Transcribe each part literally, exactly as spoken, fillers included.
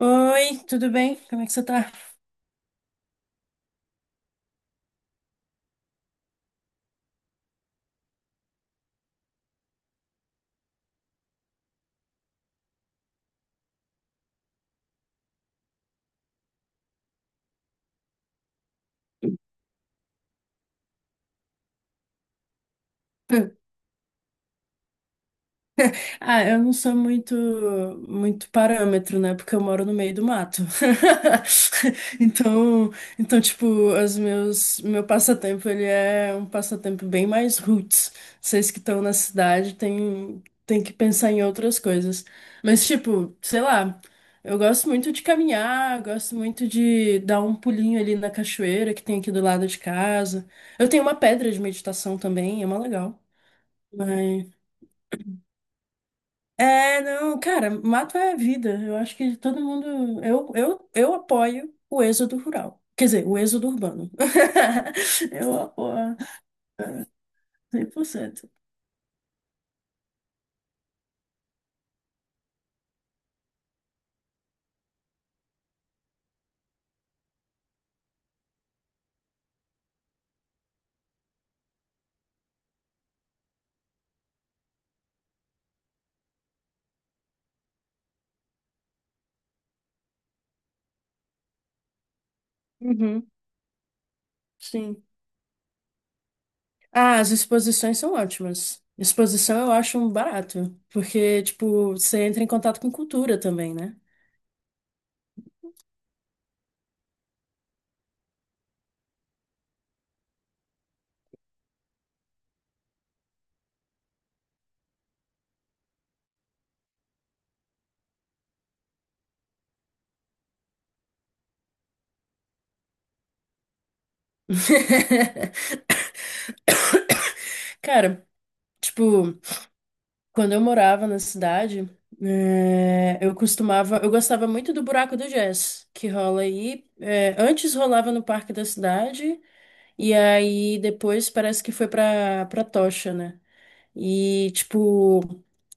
Oi, tudo bem? Como é que você tá? Ah, eu não sou muito muito parâmetro, né? Porque eu moro no meio do mato. Então, então tipo, os meus meu passatempo, ele é um passatempo bem mais roots. Vocês que estão na cidade têm tem que pensar em outras coisas. Mas tipo, sei lá, eu gosto muito de caminhar, gosto muito de dar um pulinho ali na cachoeira que tem aqui do lado de casa. Eu tenho uma pedra de meditação também, é uma legal. É, não, cara, mato é vida. Eu acho que todo mundo. Eu, eu, eu apoio o êxodo rural. Quer dizer, o êxodo urbano. Eu apoio cem por cento. Uhum, sim. Ah, as exposições são ótimas. Exposição eu acho um barato, porque, tipo, você entra em contato com cultura também, né? Cara, tipo. Quando eu morava na cidade, eh, eu costumava, eu gostava muito do Buraco do Jazz, que rola aí. eh, antes rolava no Parque da Cidade, e aí depois parece que foi pra, pra Tocha, né? E, tipo,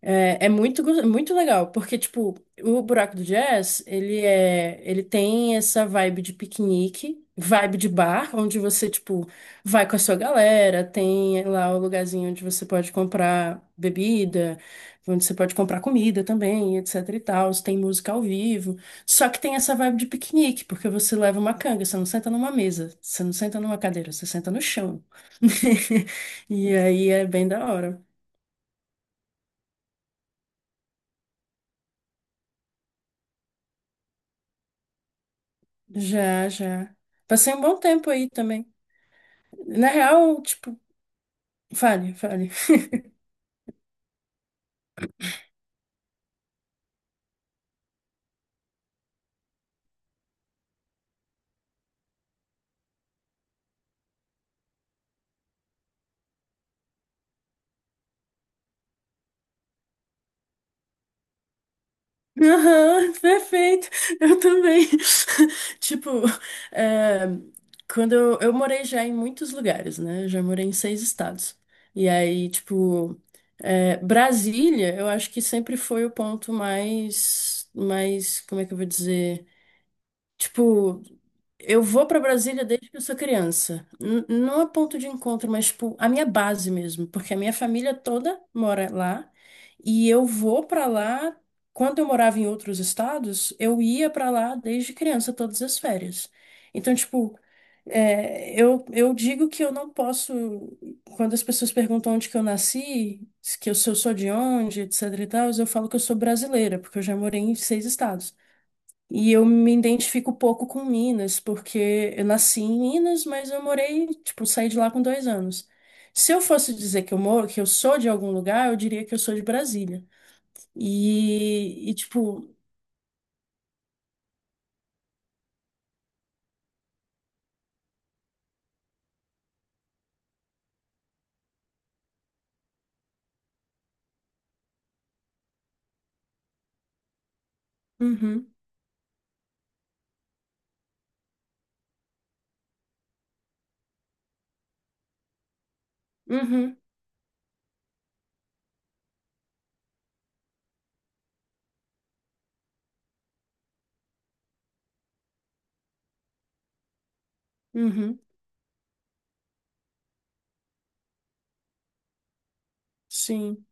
é, é muito, go- muito legal, porque, tipo, o Buraco do Jazz, ele é, ele tem essa vibe de piquenique, vibe de bar, onde você, tipo, vai com a sua galera, tem lá o lugarzinho onde você pode comprar bebida, onde você pode comprar comida também, etc e tal, tem música ao vivo, só que tem essa vibe de piquenique, porque você leva uma canga, você não senta numa mesa, você não senta numa cadeira, você senta no chão. E aí é bem da hora. Já, já. Passei um bom tempo aí também. Na real, tipo, fale, fale. Aham, perfeito. Eu também. Tipo, é, quando eu, eu morei já em muitos lugares, né? Já morei em seis estados. E aí, tipo, é, Brasília, eu acho que sempre foi o ponto mais, mais, como é que eu vou dizer? Tipo, eu vou pra Brasília desde que eu sou criança. N- não é ponto de encontro, mas tipo, a minha base mesmo, porque a minha família toda mora lá e eu vou pra lá. Quando eu morava em outros estados, eu ia pra lá desde criança todas as férias. Então, tipo, é, eu, eu digo que eu não posso, quando as pessoas perguntam onde que eu nasci, se que eu, se eu sou de onde, etc e tal, eu falo que eu sou brasileira, porque eu já morei em seis estados. E eu me identifico pouco com Minas, porque eu nasci em Minas, mas eu morei, tipo, saí de lá com dois anos. Se eu fosse dizer que eu moro, que eu sou de algum lugar, eu diria que eu sou de Brasília. E, e tipo, uhum, uhum, uhum, sim.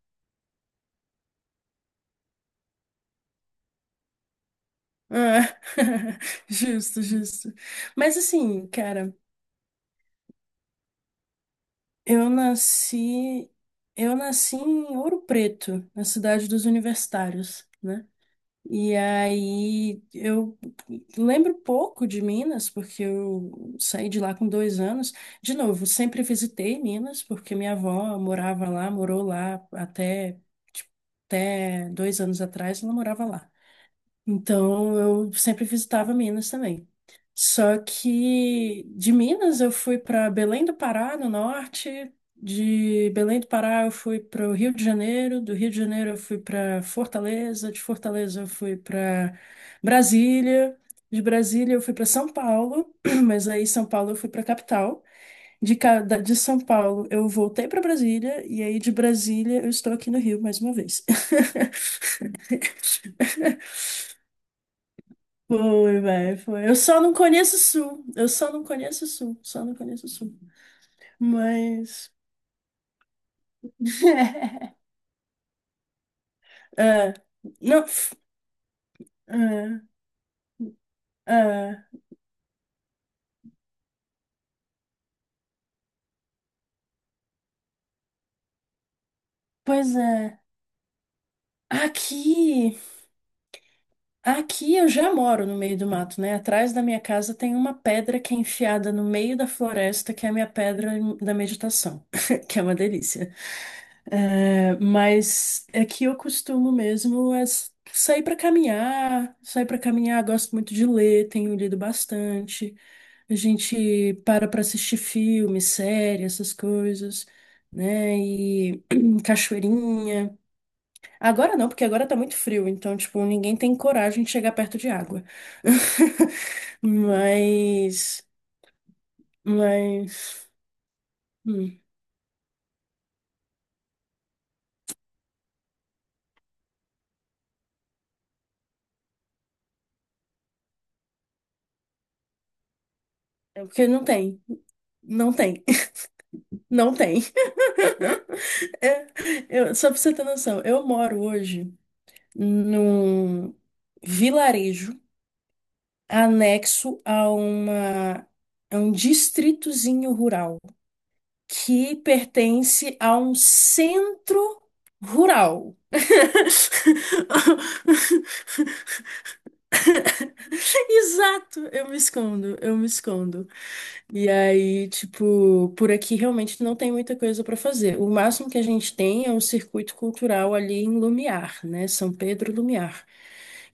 É. Justo, justo. Mas assim, cara, eu nasci, eu nasci em Ouro Preto, na cidade dos universitários, né? E aí eu lembro pouco de Minas, porque eu saí de lá com dois anos. De novo, sempre visitei Minas, porque minha avó morava lá, morou lá até, tipo, até dois anos atrás, ela morava lá. Então eu sempre visitava Minas também. Só que de Minas eu fui para Belém do Pará, no norte. De Belém do Pará eu fui para o Rio de Janeiro, do Rio de Janeiro eu fui para Fortaleza, de Fortaleza eu fui para Brasília, de Brasília eu fui para São Paulo, mas aí São Paulo eu fui para a capital. De, ca- da- de São Paulo eu voltei para Brasília e aí de Brasília eu estou aqui no Rio mais uma vez. Foi, velho, foi. Eu só não conheço o Sul. Eu só não conheço o Sul. Só não conheço o Sul. Mas. É. Não. f- É. É. Pois é. Aqui. Aqui eu já moro no meio do mato, né? Atrás da minha casa tem uma pedra que é enfiada no meio da floresta, que é a minha pedra da meditação, que é uma delícia. É, mas é que eu costumo mesmo é s- sair para caminhar, sair para caminhar, gosto muito de ler, tenho lido bastante. A gente para para assistir filme, série, essas coisas, né? E cachoeirinha. Agora não, porque agora tá muito frio, então, tipo, ninguém tem coragem de chegar perto de água. Mas, mas, hum, é porque não tem, não tem, não tem. É, eu, só pra você ter noção, eu moro hoje num vilarejo anexo a uma, a um distritozinho rural que pertence a um centro rural. Exato, eu me escondo, eu me escondo. E aí, tipo, por aqui realmente não tem muita coisa para fazer. O máximo que a gente tem é um circuito cultural ali em Lumiar, né? São Pedro Lumiar.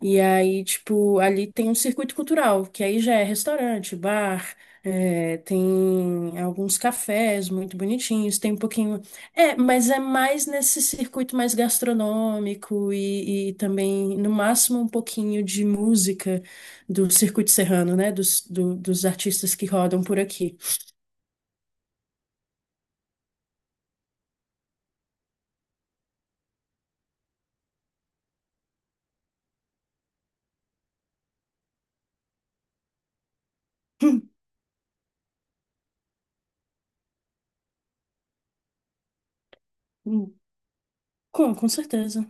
E aí, tipo, ali tem um circuito cultural, que aí já é restaurante, bar, é, tem alguns cafés muito bonitinhos, tem um pouquinho. É, mas é mais nesse circuito mais gastronômico e, e também, no máximo, um pouquinho de música do circuito serrano, né? Dos, do- dos artistas que rodam por aqui. Hum, Com, com certeza.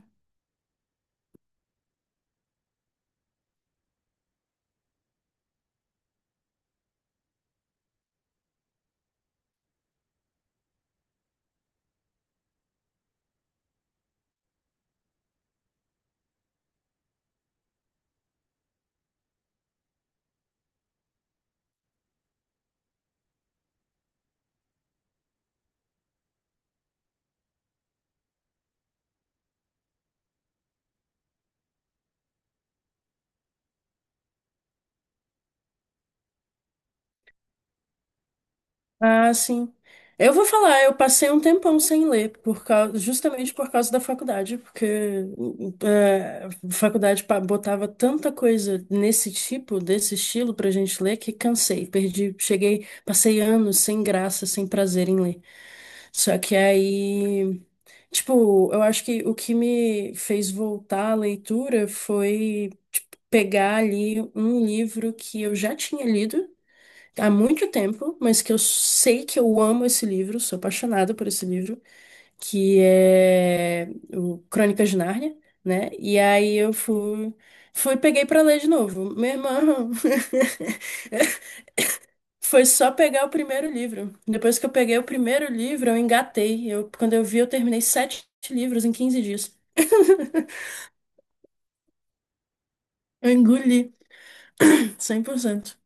Ah, sim. Eu vou falar, eu passei um tempão sem ler, por causa, justamente por causa da faculdade, porque eh, a faculdade pa- botava tanta coisa nesse tipo, desse estilo pra gente ler, que cansei, perdi, cheguei, passei anos sem graça, sem prazer em ler. Só que aí, tipo, eu acho que o que me fez voltar à leitura foi, tipo, pegar ali um livro que eu já tinha lido há muito tempo, mas que eu sei que eu amo esse livro, sou apaixonada por esse livro, que é o Crônicas de Nárnia, né? E aí eu fui, fui peguei pra ler de novo. Meu irmão, foi só pegar o primeiro livro. Depois que eu peguei o primeiro livro, eu engatei. Eu, quando eu vi, eu terminei sete livros em quinze dias. Eu engoli cem por cento.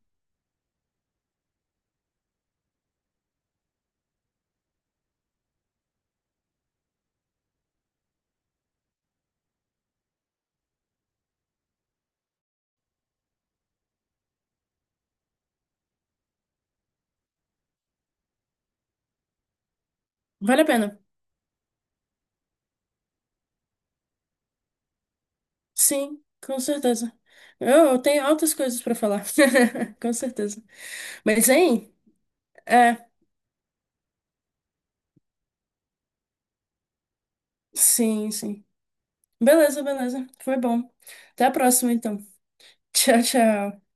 Vale a pena? Sim, com certeza. Eu, eu tenho altas coisas pra falar. Com certeza. Mas, hein? É, sim, sim. Beleza, beleza. Foi bom. Até a próxima, então. Tchau, tchau.